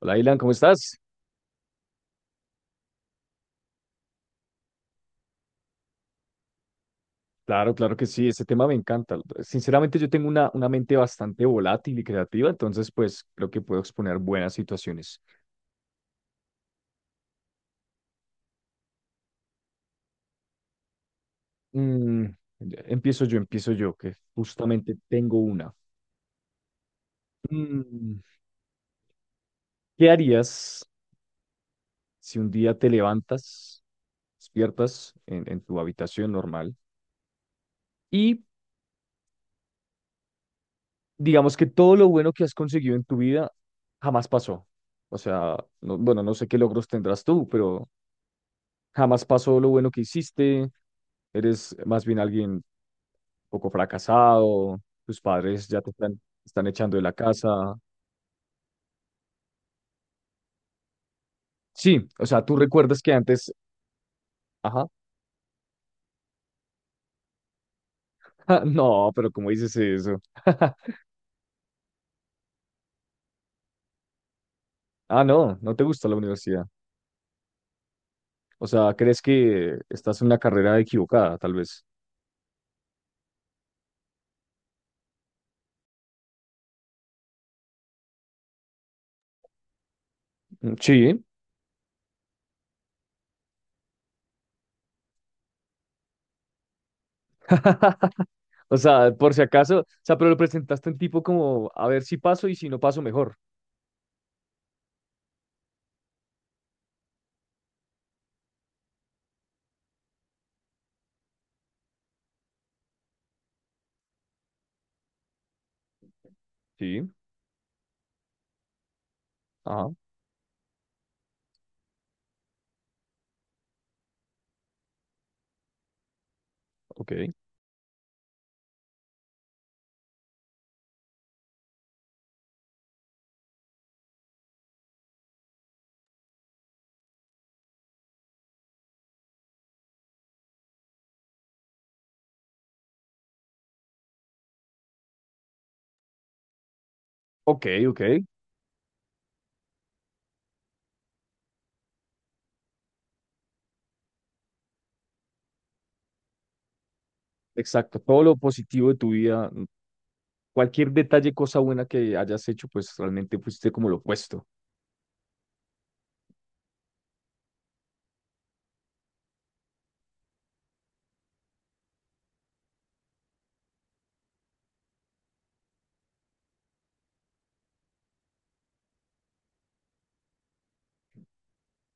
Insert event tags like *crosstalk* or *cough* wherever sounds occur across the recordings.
Hola, Ilan, ¿cómo estás? Claro, claro que sí, este tema me encanta. Sinceramente, yo tengo una mente bastante volátil y creativa, entonces, pues, creo que puedo exponer buenas situaciones. Mm, empiezo yo, que justamente tengo una. Mm, ¿Qué harías si un día te levantas, despiertas en tu habitación normal y digamos que todo lo bueno que has conseguido en tu vida jamás pasó? O sea, bueno, no sé qué logros tendrás tú, pero jamás pasó lo bueno que hiciste, eres más bien alguien poco fracasado, tus padres ya te están echando de la casa. Sí, o sea, tú recuerdas que antes, ajá, *laughs* no, pero ¿cómo dices eso? *laughs* Ah, no, no te gusta la universidad. O sea, crees que estás en una carrera equivocada, tal vez. Mm, sí. *laughs* O sea, por si acaso, o sea, pero lo presentaste en tipo como, a ver si paso y si no paso mejor. Sí. Ajá, ok. Ok, ok. Exacto. Todo lo positivo de tu vida. Cualquier detalle, cosa buena que hayas hecho, pues realmente fuiste como lo opuesto.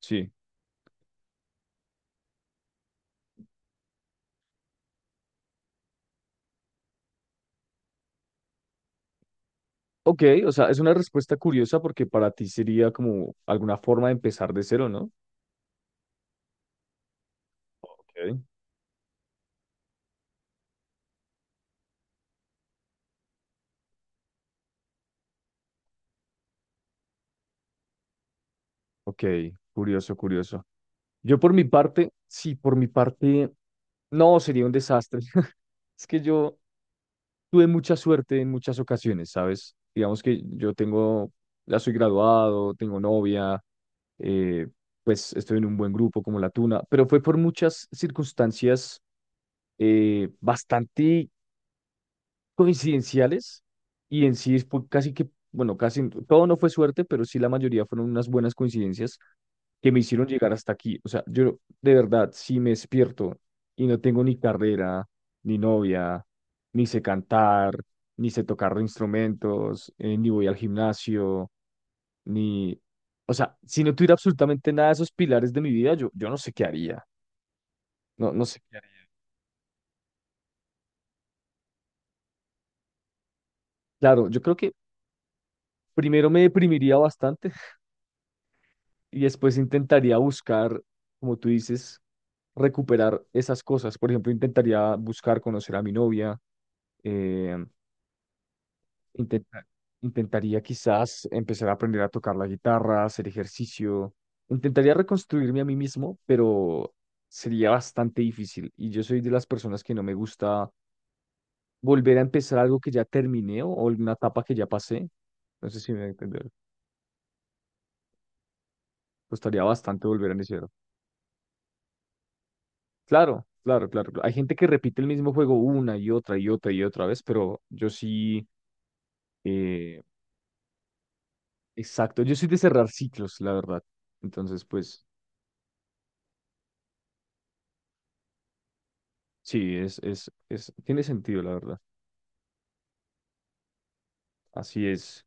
Sí. Ok, o sea, es una respuesta curiosa porque para ti sería como alguna forma de empezar de cero, ¿no? Ok. Ok, curioso, curioso. Yo por mi parte, sí, por mi parte, no, sería un desastre. *laughs* Es que yo tuve mucha suerte en muchas ocasiones, ¿sabes? Digamos que yo tengo, ya soy graduado, tengo novia, eh, pues estoy en un buen grupo como La Tuna, pero fue por muchas circunstancias bastante coincidenciales y en sí fue casi que, bueno, casi todo no fue suerte, pero sí la mayoría fueron unas buenas coincidencias que me hicieron llegar hasta aquí. O sea, yo de verdad, si me despierto y no tengo ni carrera, ni novia, ni sé cantar, ni sé tocar instrumentos, ni voy al gimnasio, ni... O sea, si no tuviera absolutamente nada de esos pilares de mi vida, yo no sé qué haría. No, no sé qué haría. Claro, yo creo que primero me deprimiría bastante y después intentaría buscar, como tú dices, recuperar esas cosas. Por ejemplo, intentaría buscar conocer a mi novia, eh, intenta- intentaría quizás empezar a aprender a tocar la guitarra, hacer ejercicio, intentaría reconstruirme a mí mismo, pero sería bastante difícil. Y yo soy de las personas que no me gusta volver a empezar algo que ya terminé o alguna etapa que ya pasé. No sé si me voy a entender. Costaría bastante volver a iniciar. Claro, claro, claro, claro. Hay gente que repite el mismo juego una y otra y otra y otra vez, pero yo sí, eh, exacto, yo soy de cerrar ciclos, la verdad. Entonces, pues sí, es, tiene sentido, la verdad. Así es.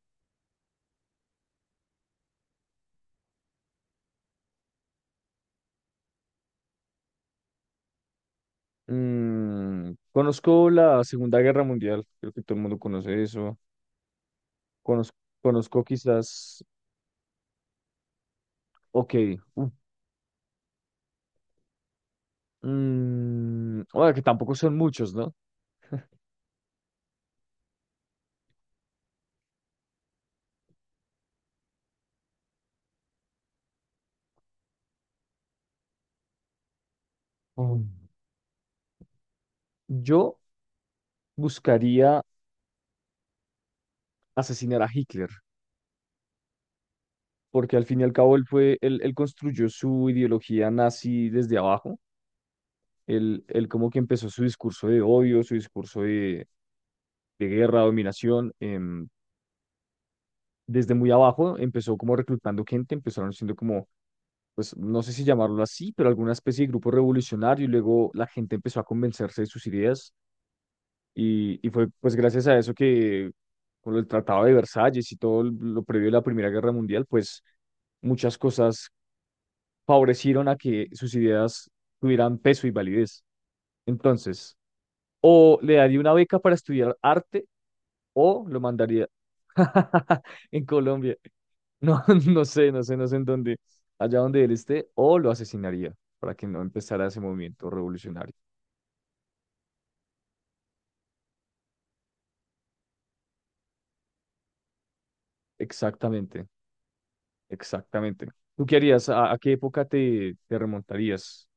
Mm, conozco la Segunda Guerra Mundial, creo que todo el mundo conoce eso. Conozco, conozco quizás, ok, uh, bueno, que tampoco son muchos, ¿no? Mm. Yo buscaría asesinar a Hitler, porque al fin y al cabo él construyó su ideología nazi desde abajo. Él como que empezó su discurso de odio, su discurso de guerra, dominación, desde muy abajo, empezó como reclutando gente, empezaron siendo como, pues no sé si llamarlo así, pero alguna especie de grupo revolucionario y luego la gente empezó a convencerse de sus ideas y fue pues gracias a eso que con el Tratado de Versalles y todo lo previo a la Primera Guerra Mundial, pues muchas cosas favorecieron a que sus ideas tuvieran peso y validez. Entonces, o le daría una beca para estudiar arte o lo mandaría *laughs* en Colombia. No, *laughs* no sé, no sé, no sé en dónde, allá donde él esté, o lo asesinaría para que no empezara ese movimiento revolucionario. Exactamente, exactamente. ¿Tú qué harías? A qué época te remontarías?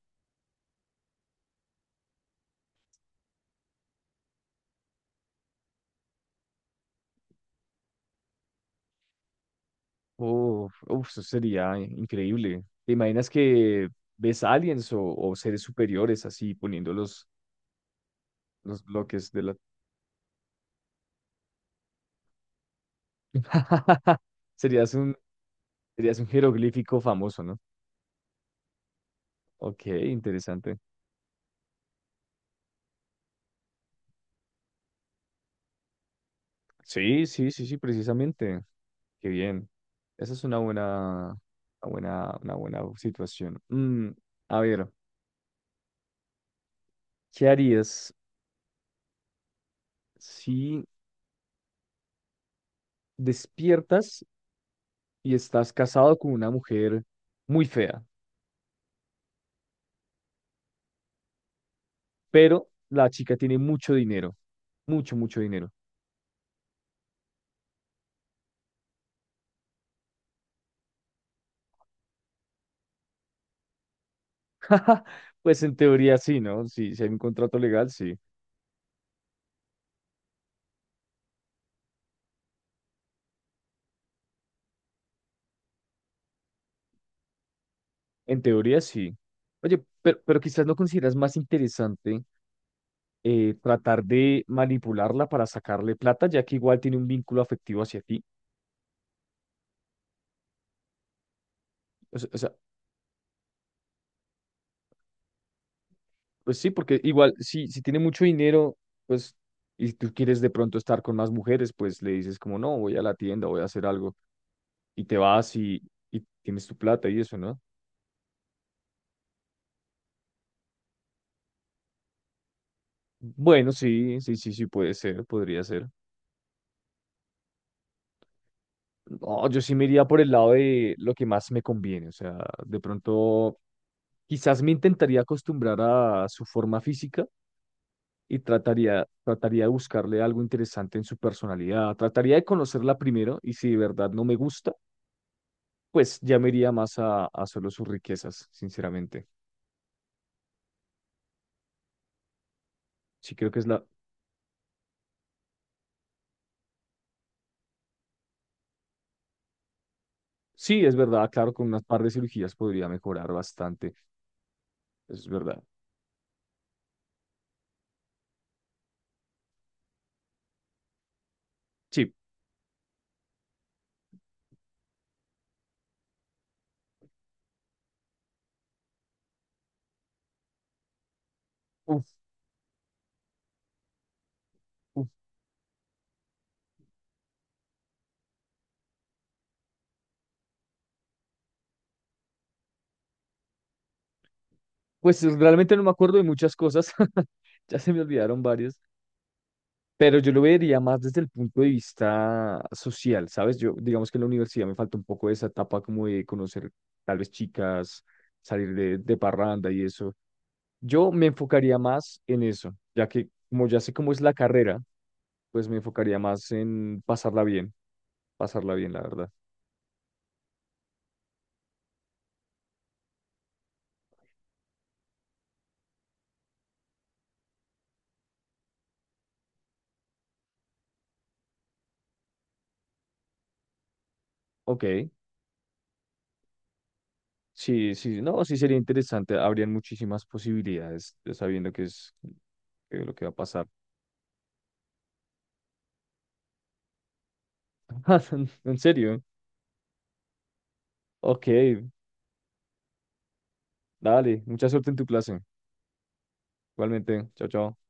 Uf, uf, eso sería increíble. ¿Te imaginas que ves aliens o seres superiores así poniéndolos los bloques de la... *laughs* Serías un, serías un jeroglífico famoso, ¿no? Ok, interesante. Sí, sí, sí, sí, precisamente. Qué bien. Esa es una buena, una buena, una buena situación. Mm, a ver, ¿qué harías si despiertas y estás casado con una mujer muy fea, pero la chica tiene mucho dinero, mucho, mucho dinero? *laughs* Pues en teoría sí, ¿no? Si hay un contrato legal, sí. En teoría sí. Oye, pero quizás no consideras más interesante tratar de manipularla para sacarle plata, ya que igual tiene un vínculo afectivo hacia ti. O sea, pues sí, porque igual si tiene mucho dinero, pues, y tú quieres de pronto estar con más mujeres, pues le dices como, no, voy a la tienda, voy a hacer algo, y te vas y tienes tu plata y eso, ¿no? Bueno, sí, sí, sí, sí, puede ser, podría ser. No, yo sí me iría por el lado de lo que más me conviene. O sea, de pronto, quizás me intentaría acostumbrar a su forma física y trataría de buscarle algo interesante en su personalidad. Trataría de conocerla primero y si de verdad no me gusta, pues ya me iría más a solo sus riquezas, sinceramente. Sí, creo que es la... Sí, es verdad, claro, con unas par de cirugías podría mejorar bastante. Es verdad. Sí. Uf, uf. Pues realmente no me acuerdo de muchas cosas. *laughs* Ya se me olvidaron varias. Pero yo lo vería más desde el punto de vista social, ¿sabes? Yo, digamos que en la universidad me falta un poco esa etapa como de conocer tal vez chicas, salir de parranda y eso. Yo me enfocaría más en eso, ya que como ya sé cómo es la carrera, pues me enfocaría más en pasarla bien, la verdad. Ok, sí, sí, no, sí sería interesante, habrían muchísimas posibilidades sabiendo qué es lo que va a pasar. *laughs* En serio, ok, dale, mucha suerte en tu clase. Igualmente, chao, chao.